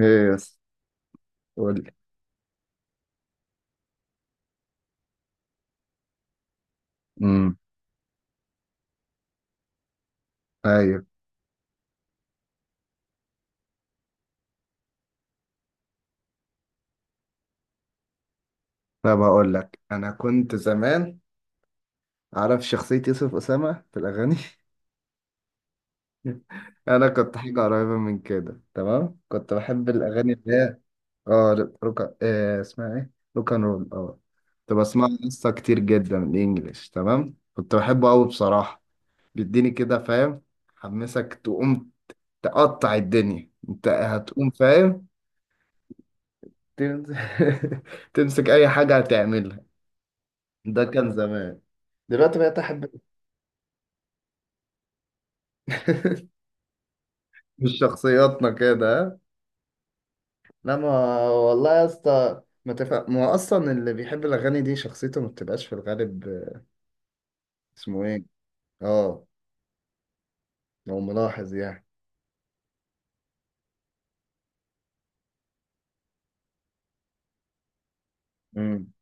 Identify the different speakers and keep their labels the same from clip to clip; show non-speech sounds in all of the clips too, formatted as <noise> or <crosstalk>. Speaker 1: ايه يس، قول لي. امم. ايوه. طب اقول لك، انا كنت زمان عارف شخصية يوسف أسامة في الأغاني. <laughs> أنا كنت حاجة قريبة من كده، تمام. كنت بحب الأغاني اللي هي اه روكا، إيه اسمها ايه، روك أند رول، اه. كنت بسمعها لسه كتير جدا، الإنجليش، تمام. كنت بحبه أوي بصراحة. بيديني كده، فاهم. حمسك تقوم، تقطع الدنيا، أنت هتقوم، فاهم. تمسك <laughs> تمسك أي حاجة هتعملها. ده كان زمان، دلوقتي بقيت احب. <laughs> مش شخصياتنا كده، ها؟ لا ما والله يا اسطى ما تفهم. ما هو اصلا اللي بيحب الاغاني دي شخصيته ما بتبقاش في الغالب. اسمه ايه؟ اه، لو ملاحظ يعني. امم،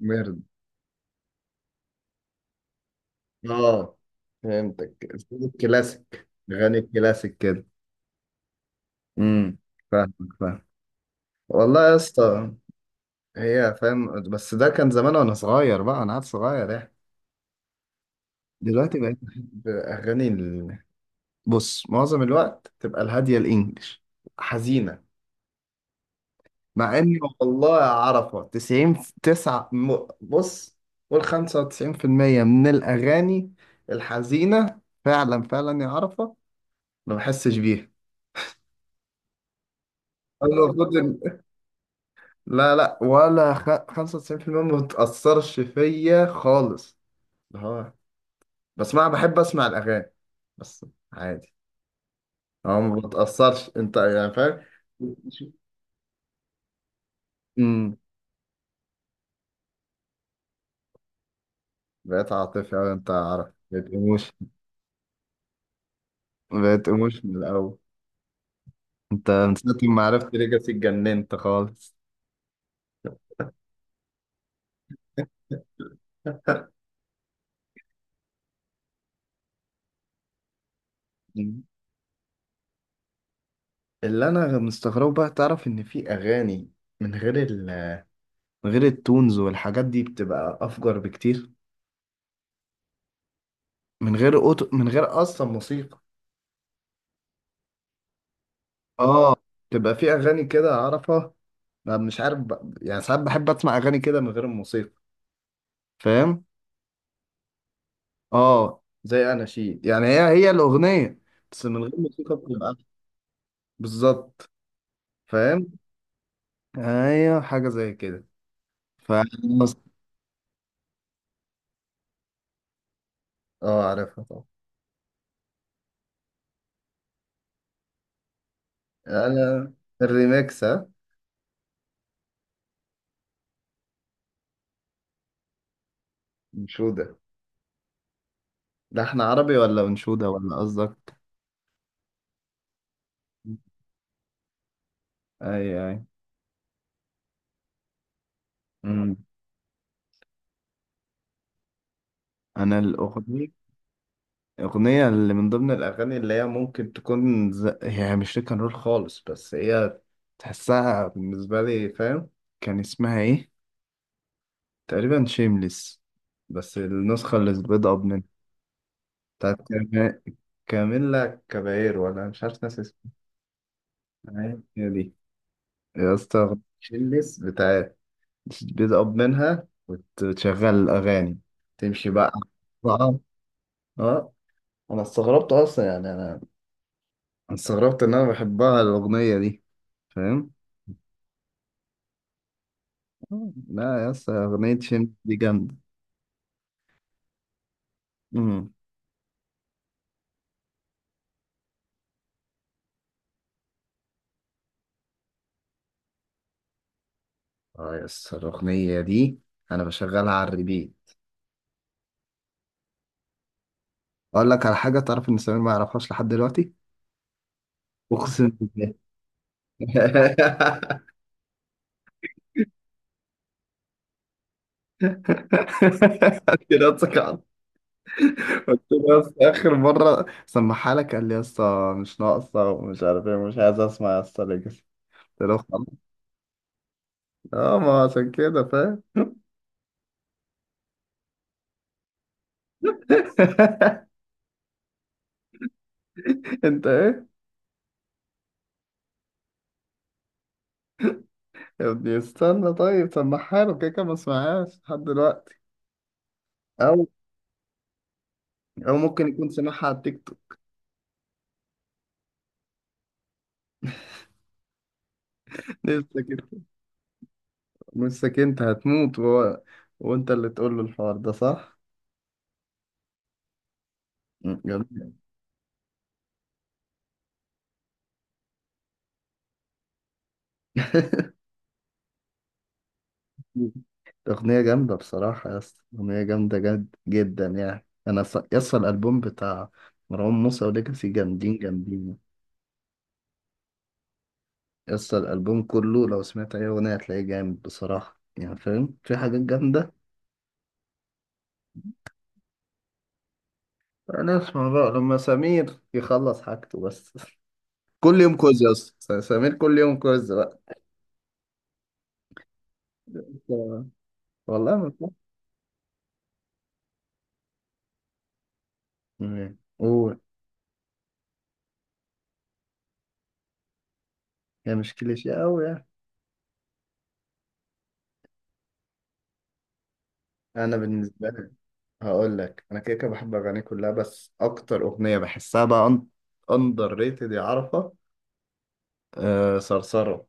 Speaker 1: مرد. اه، فهمتك، اسلوب الكلاسيك، غني الكلاسيك كده. امم، فاهمك، فاهم. والله يا اسطى، هي فاهم، بس ده كان زمان وانا صغير بقى، انا عاد صغير يعني. دلوقتي بقيت باغاني، بص، معظم الوقت تبقى الهادية، الإنجليش، حزينة. مع إن والله يا عرفة 90 9، بص، قول 95% من الأغاني الحزينة فعلا، فعلا يا عرفة ما بحسش بيها. أنا المفروض إن- لا لا، 95% ما بتأثرش فيا خالص، اللي هو، بس ما بحب أسمع الأغاني بس، عادي. أه، ما بتأثرش، أنت يعني فاهم. <laughs> أمم. بقيت عاطفي أوي، أنت عارف، بقيت إيموشن، بقيت إيموشن من الأول. أنت من ساعة ما عرفت ليجاسي اتجننت خالص. <laughs> مم. اللي أنا مستغربه بقى، تعرف إن في أغاني من غير من غير التونز والحاجات دي بتبقى أفجر بكتير، من غير أوتو، من غير أصلا موسيقى. آه، تبقى في أغاني كده أعرفها. أنا مش عارف يعني ساعات بحب أسمع أغاني كده من غير الموسيقى، فاهم؟ آه، زي أناشيد يعني، هي هي الأغنية بس من غير موسيقى بتبقى أحلى. بالظبط، فاهم. ايوه، حاجه زي كده. ف، اه، عارفها طبعا. انا الريميكس، ها. انشوده. ده احنا عربي ولا انشوده، ولا قصدك؟ اي اي. امم، انا الاغنيه اللي من ضمن الاغاني، اللي هي هي مش روck and رول خالص، بس هي تحسها بالنسبه لي، فاهم. كان اسمها ايه، تقريبا شيمليس، بس النسخه اللي بيض اب منها بتاعت كام- كاميلا كابايرو، ولا مش عارف ناس. تمام، هي دي. يا اسطى شلس بتاع، بتقب منها وتشغل الأغاني، تمشي بقى. بقى، اه، أنا استغربت أصلا يعني أنا استغربت إن أنا بحبها الأغنية دي، فاهم؟ آه، لا يا اسطى، أغنية شمس دي جامدة. أمم. اه، يا اسطى الأغنية دي أنا بشغلها على الريبيت. أقول لك على حاجة، تعرف إن سمير ما يعرفهاش لحد دلوقتي؟ أقسم بالله. <laughs> <laughs> كده. قلت له، بس اخر مره سمعها لك قال لي يا اسطى مش ناقصه ومش عارف ايه، مش عايز اسمع يا اسطى ليجاسي. قلت له خلاص. اه، ما عشان كده، فاهم. <laughs> انت ايه. يا ابني استنى، طيب سمعها له، كده كده ما سمعهاش لحد دلوقتي. او او ممكن يكون سمعها على التيك توك. <laughs> لسه كده. لسه كده انت هتموت، وهو وانت اللي تقول له الحوار ده، صح؟ م، جميل. <laughs> أغنية جامدة بصراحة يا اسطى، أغنية جامدة جد جدا يعني. أنا يا اسطى الألبوم بتاع مروان موسى وليجاسي جامدين، جامدين. يا اسطى الألبوم كله لو سمعت أي أغنية هتلاقيه جامد بصراحة، يعني فاهم في حاجات جامدة. أنا أسمع بقى لما سمير يخلص حاجته بس. <laughs> كل يوم كوز يا اسطى، سمير كل يوم كوز بقى. والله ما. فاهم، قول. هي مش كليشيه أوي يعني. أنا بالنسبة لي، هقول لك انا كده كده بحب اغانيه كلها، بس اكتر اغنيه بحسها بقى اندر ريتد يا عرفه، آه، صرصره.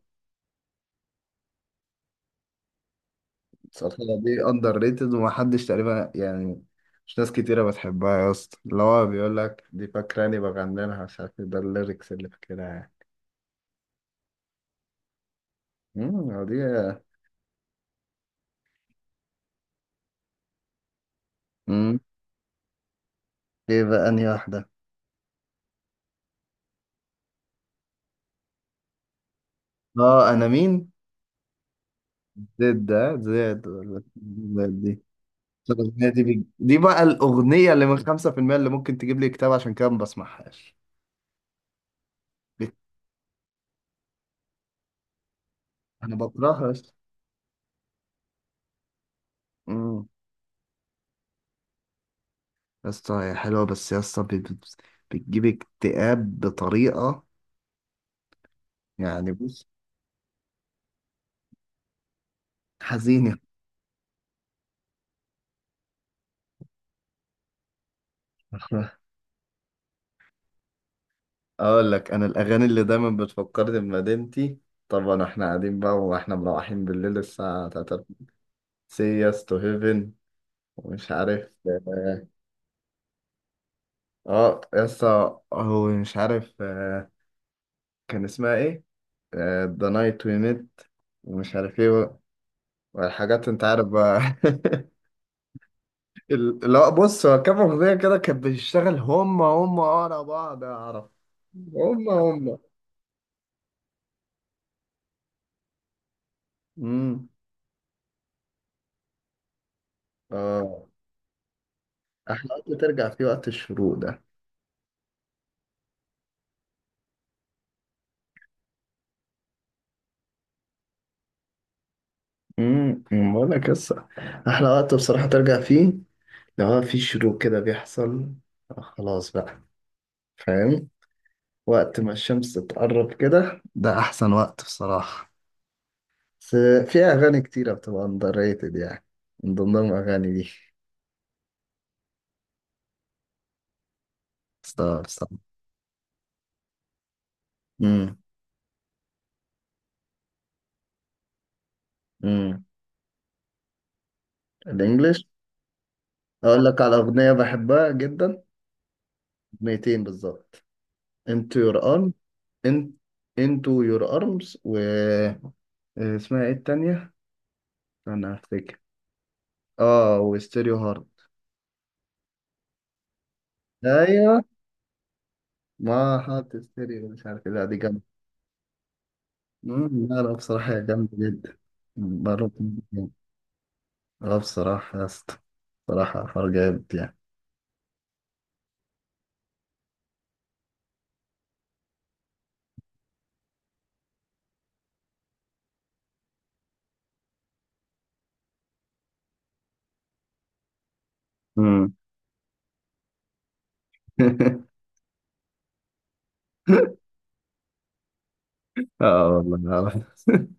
Speaker 1: صرصره دي اندر ريتد، ومحدش تقريبا يعني، مش ناس كتيره بتحبها يا اسطى، اللي هو بيقول لك دي فاكراني بغني لها مش عارف إيه، ده الليركس اللي فاكرها يعني. امم، هو دي. امم، ايه بقى انهي واحده؟ اه، انا مين، زد، ده زد ولا زد دي. طب الأغنية دي دي بقى الأغنية اللي من 5% اللي ممكن تجيب لي كتاب، عشان كده ما بسمعهاش. انا بكرهها يا اسطى. امم، يا اسطى هي حلوه، بس يا اسطى بتجيب اكتئاب بطريقه، يعني بص، حزينه. <laughs> اقول لك انا الاغاني اللي دايما بتفكرني بمدينتي، طبعا احنا قاعدين بقى واحنا مروحين بالليل الساعه 3، سي يس تو هيفن، ومش عارف اه، آه، يا اسطى هو مش عارف، كان اسمها ايه، ذا نايت وي ميت، ومش عارف ايه، والحاجات انت عارف بقى. <laughs> لا، بص، هو كام أغنية كده كانت بتشتغل هم هم ورا بعض يا عرب، هم هم. امم، اه، احلى وقت ترجع فيه، وقت الشروق ده. امم، أمم، بقول لك قصة، احلى وقت بصراحة ترجع فيه لو هو في شروق كده بيحصل. آه، خلاص بقى، فاهم. وقت ما الشمس تقرب كده، ده احسن وقت بصراحة. بس في اغاني كتيرة بتبقى اندر ريتد يعني، من ضمنهم اغاني دي، ستار ستار. امم. امم، الانجليش. اقول لك على اغنيه بحبها جدا، اغنيتين بالظبط: انتو يور ارم، انت، انتو يور ارمز، و اسمها ايه التانية، انا افتكر، اه، وستيريو هارد. ايوه، ما حاط ستيريو مش عارف إيه. لا دي جامده. لا لا بصراحه هي جامده جدا. مم، برضه. جامدة. اه بصراحه يا اسطى، بصراحه حوار جامد يعني. مم. <laughs> اه والله أعرف.